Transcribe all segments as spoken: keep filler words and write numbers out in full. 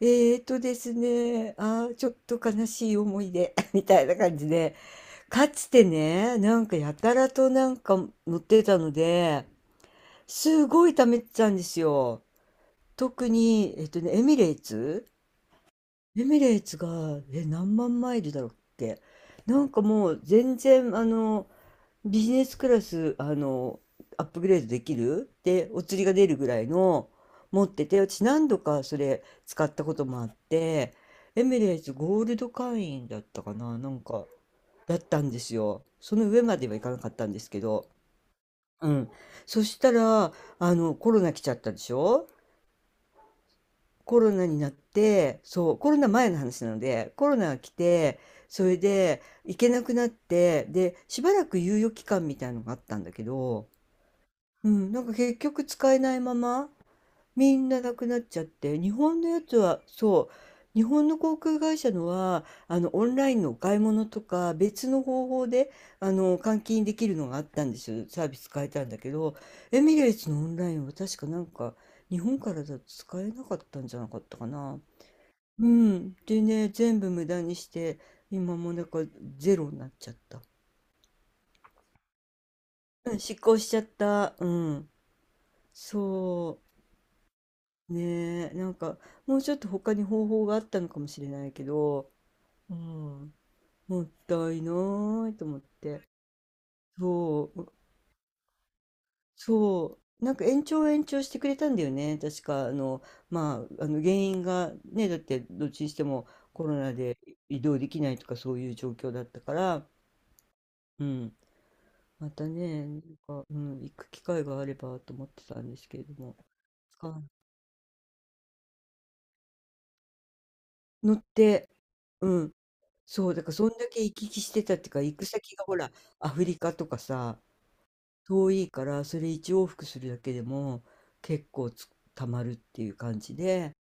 えーとですね、あー、ちょっと悲しい思い出 みたいな感じで、かつてね、なんかやたらとなんか乗ってたので、すごい貯めてたんですよ。特に、えっとね、エミレーツエミレーツが、え、何万マイルだろうっけ。なんかもう全然、あの、ビジネスクラス、あの、アップグレードできるで、お釣りが出るぐらいの持ってて、私何度かそれ使ったこともあって、エミレーツゴールド会員だったかな、なんか、だったんですよ。その上まではいかなかったんですけど、うん。そしたら、あの、コロナ来ちゃったでしょ。コロナになって、そう、コロナ前の話なので、コロナが来て、それで行けなくなって、で、しばらく猶予期間みたいのがあったんだけど、うん、なんか結局使えないまま、みんななくなっちゃって、日本のやつは、そう、日本の航空会社のは、あの、オンラインのお買い物とか、別の方法で、あの、換金できるのがあったんですよ。サービス変えたんだけど、エミレーツのオンラインは確かなんか、日本からだと使えなかったんじゃなかったかな。うん。でね、全部無駄にして、今もうなんかゼロになっちゃった。うん、失効しちゃった。うん。そう。ねえ、なんか、もうちょっと他に方法があったのかもしれないけど、うん。もったいないと思って。そう、そう。なんか延長延長してくれたんだよね。確か、あの、まあ、あの原因がね、だってどっちにしてもコロナで移動できないとかそういう状況だったから、うん。またね、なんか、うん、行く機会があればと思ってたんですけれども。使わ乗って、うん。そう、だからそんだけ行き来してたっていうか、行く先がほら、アフリカとかさ、遠いから、それ一往復するだけでも結構つ、たまるっていう感じで、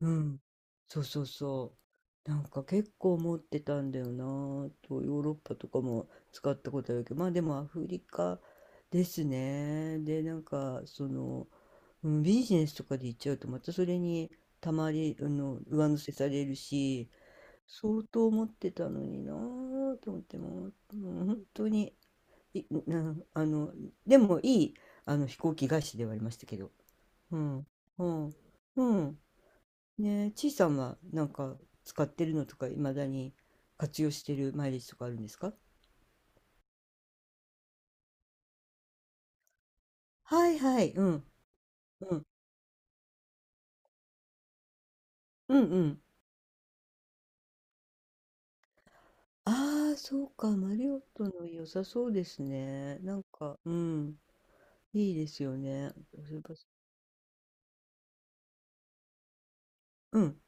うん。そうそうそう。なんか結構持ってたんだよなぁと、ヨーロッパとかも使ったことあるけど、まあでもアフリカですね。で、なんか、その、うん、ビジネスとかで行っちゃうと、またそれにたまり、あの、上乗せされるし、相当持ってたのになぁと思ってもう、もう本当に、い、なあの、でもいい、あの、飛行機会社ではありましたけど。うん、うん、うん。ねえ、ちいさんはなんか使ってるのとか、いまだに活用してるマイレージとかあるんですか？はいはい、うん、うん、うん、うん。ああ、そうか、マリオットの良さそうですね。なんか、うん、いいですよね。そういえばうん、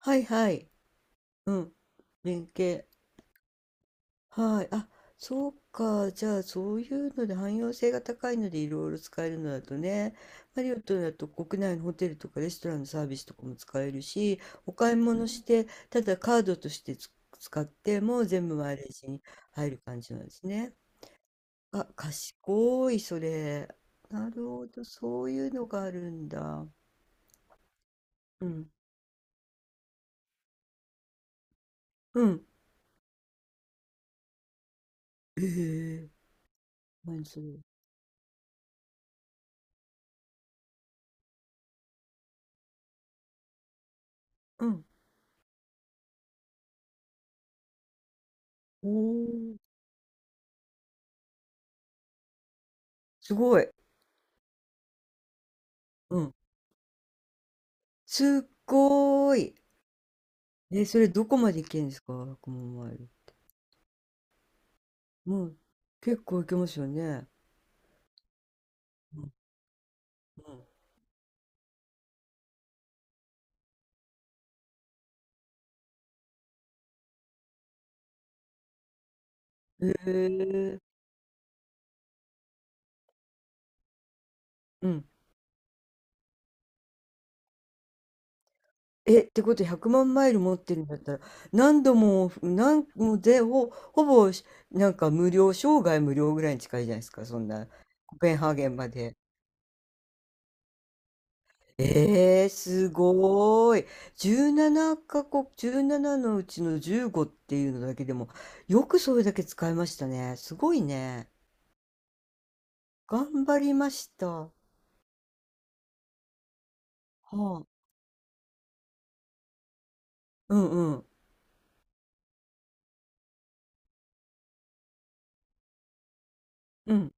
はいはい、うん、連携。はい。あ、そうか。じゃあ、そういうので汎用性が高いのでいろいろ使えるのだとね、マリオットだと国内のホテルとかレストランのサービスとかも使えるし、お買い物して、ただカードとしてつ使っても全部マイレージに入る感じなんですね。あ、賢い、それ。なるほど、そういうのがあるんだ。うん。うん。ええ、何それ。うん。おー、すごい。うん。すっごーい。え、それどこまで行けるんですか、いちまんマイル？もう結構行けますよね。うんうん。へえ。うん。え、ってことはひゃくまんマイル持ってるんだったら、何度も、何もうで、ほ、ほぼし、なんか無料、生涯無料ぐらいに近いじゃないですか、そんな、コペンハーゲンまで。えー、すごーい。じゅうななかこくカ国、じゅうななのうちのじゅうごっていうのだけでも、よくそれだけ使いましたね。すごいね。頑張りました。は、うんうん。うん。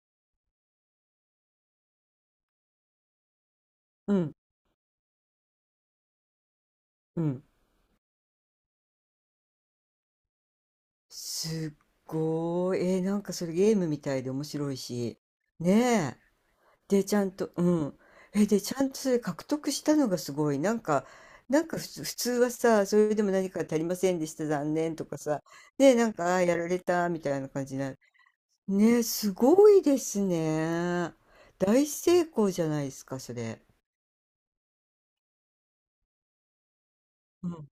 うん。うん。すっごい。えー、なんかそれゲームみたいで面白いし。ねえ。で、ちゃんと、うん。え、で、ちゃんとそれ獲得したのがすごい。なんか、なんか普通、普通はさ、それでも何か足りませんでした、残念とかさ。ねえ、なんか、あーやられた、みたいな感じになる。ねえ、すごいですね。大成功じゃないですか、それ。うん。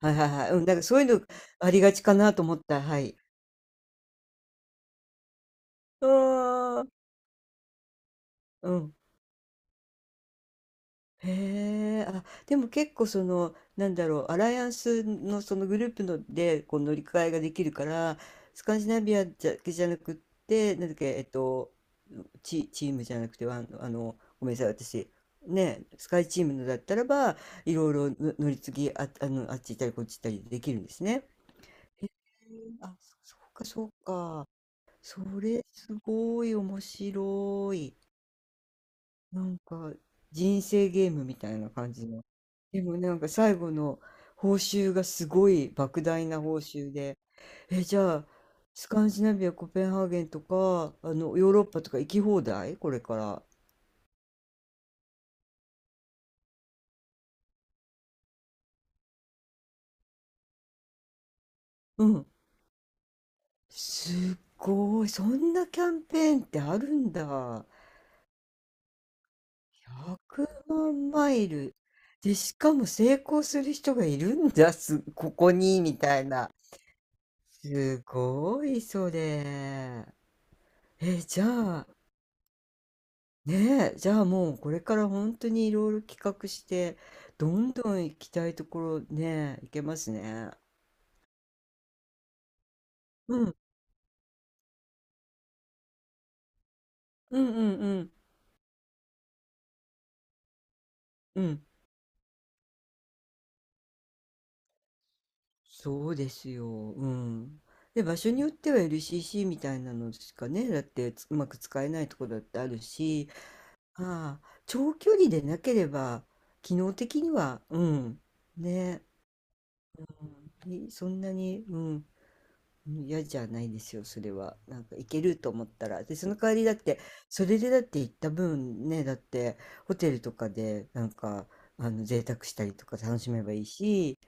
はいはいはい。うん。なんかそういうのありがちかなと思った。はい。うーん。うん。へえ、あ、でも結構その、なんだろう、アライアンスのそのグループのでこう乗り換えができるから、スカンジナビアだけじゃなくって、なんだっけ、えっと、チ、チームじゃなくて、ワンあの、ごめんなさい、私、ね、スカイチームのだったらば、いろいろの乗り継ぎ、あ、あの、あっち行ったりこっち行ったりできるんですね。へえ、あ、そそうか、そうか。それ、すごい面白い。なんか人生ゲームみたいな感じの。でもなんか最後の報酬がすごい莫大な報酬で、え、じゃあスカンジナビア、コペンハーゲンとか、あのヨーロッパとか行き放題これから。うん。すっごい。そんなキャンペーンってあるんだ。ひゃくまんマイル。で、しかも成功する人がいるんだ。す、ここに、みたいな。すごい、それ。え、じゃあ、ねえ、じゃあもうこれから本当にいろいろ企画して、どんどん行きたいところね、行けますね。うん、うんうんうんうん。そうですよ。うん。で、場所によっては エルシーシー みたいなのしかね、だってつうまく使えないところだってあるし、ああ、長距離でなければ、機能的には、うん、ね、い、そんなに、うん、嫌じゃないですよ、それは。なんか行けると思ったら。で、その代わりだって、それでだって行った分ね、だってホテルとかでなんか、あの、贅沢したりとか楽しめばいいし、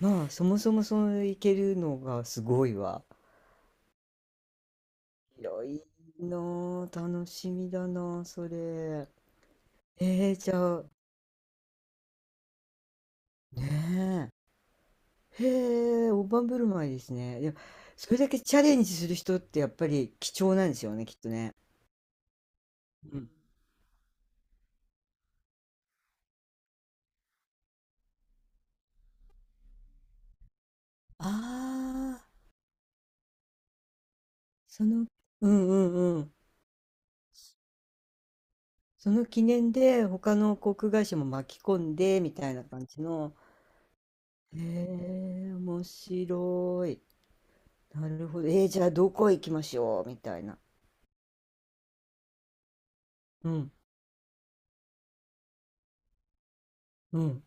まあ、そもそもその行けるのがすごいわ。広いなあ、楽しみだなあそれ。えー、じゃあ、ねえ。へえ、大盤振る舞いですね。でも、それだけチャレンジする人ってやっぱり貴重なんですよね、きっとね。うん。ああ。その、うんうんうん。その記念で他の航空会社も巻き込んでみたいな感じの。へえ、面白い。なるほど。えーじゃあどこ行きましょうみたいな。うん、うん。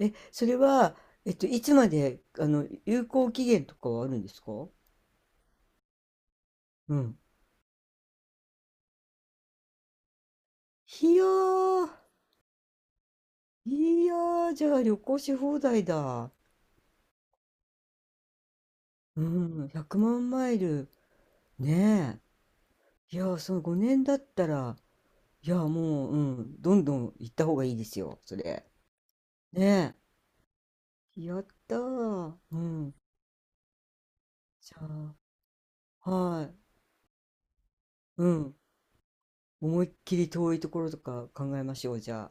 え、それは、えっと、いつまで、あの、有効期限とかはあるんですか？うん。いやー、いやー、じゃあ旅行し放題だ。うん、ひゃくまんマイル。ねえ。いやー、そのごねんだったら、いや、もう、うん、どんどん行った方がいいですよ、それ。ねえ。やったー。うん。じゃあ、はい。うん。思いっきり遠いところとか考えましょう、じゃあ。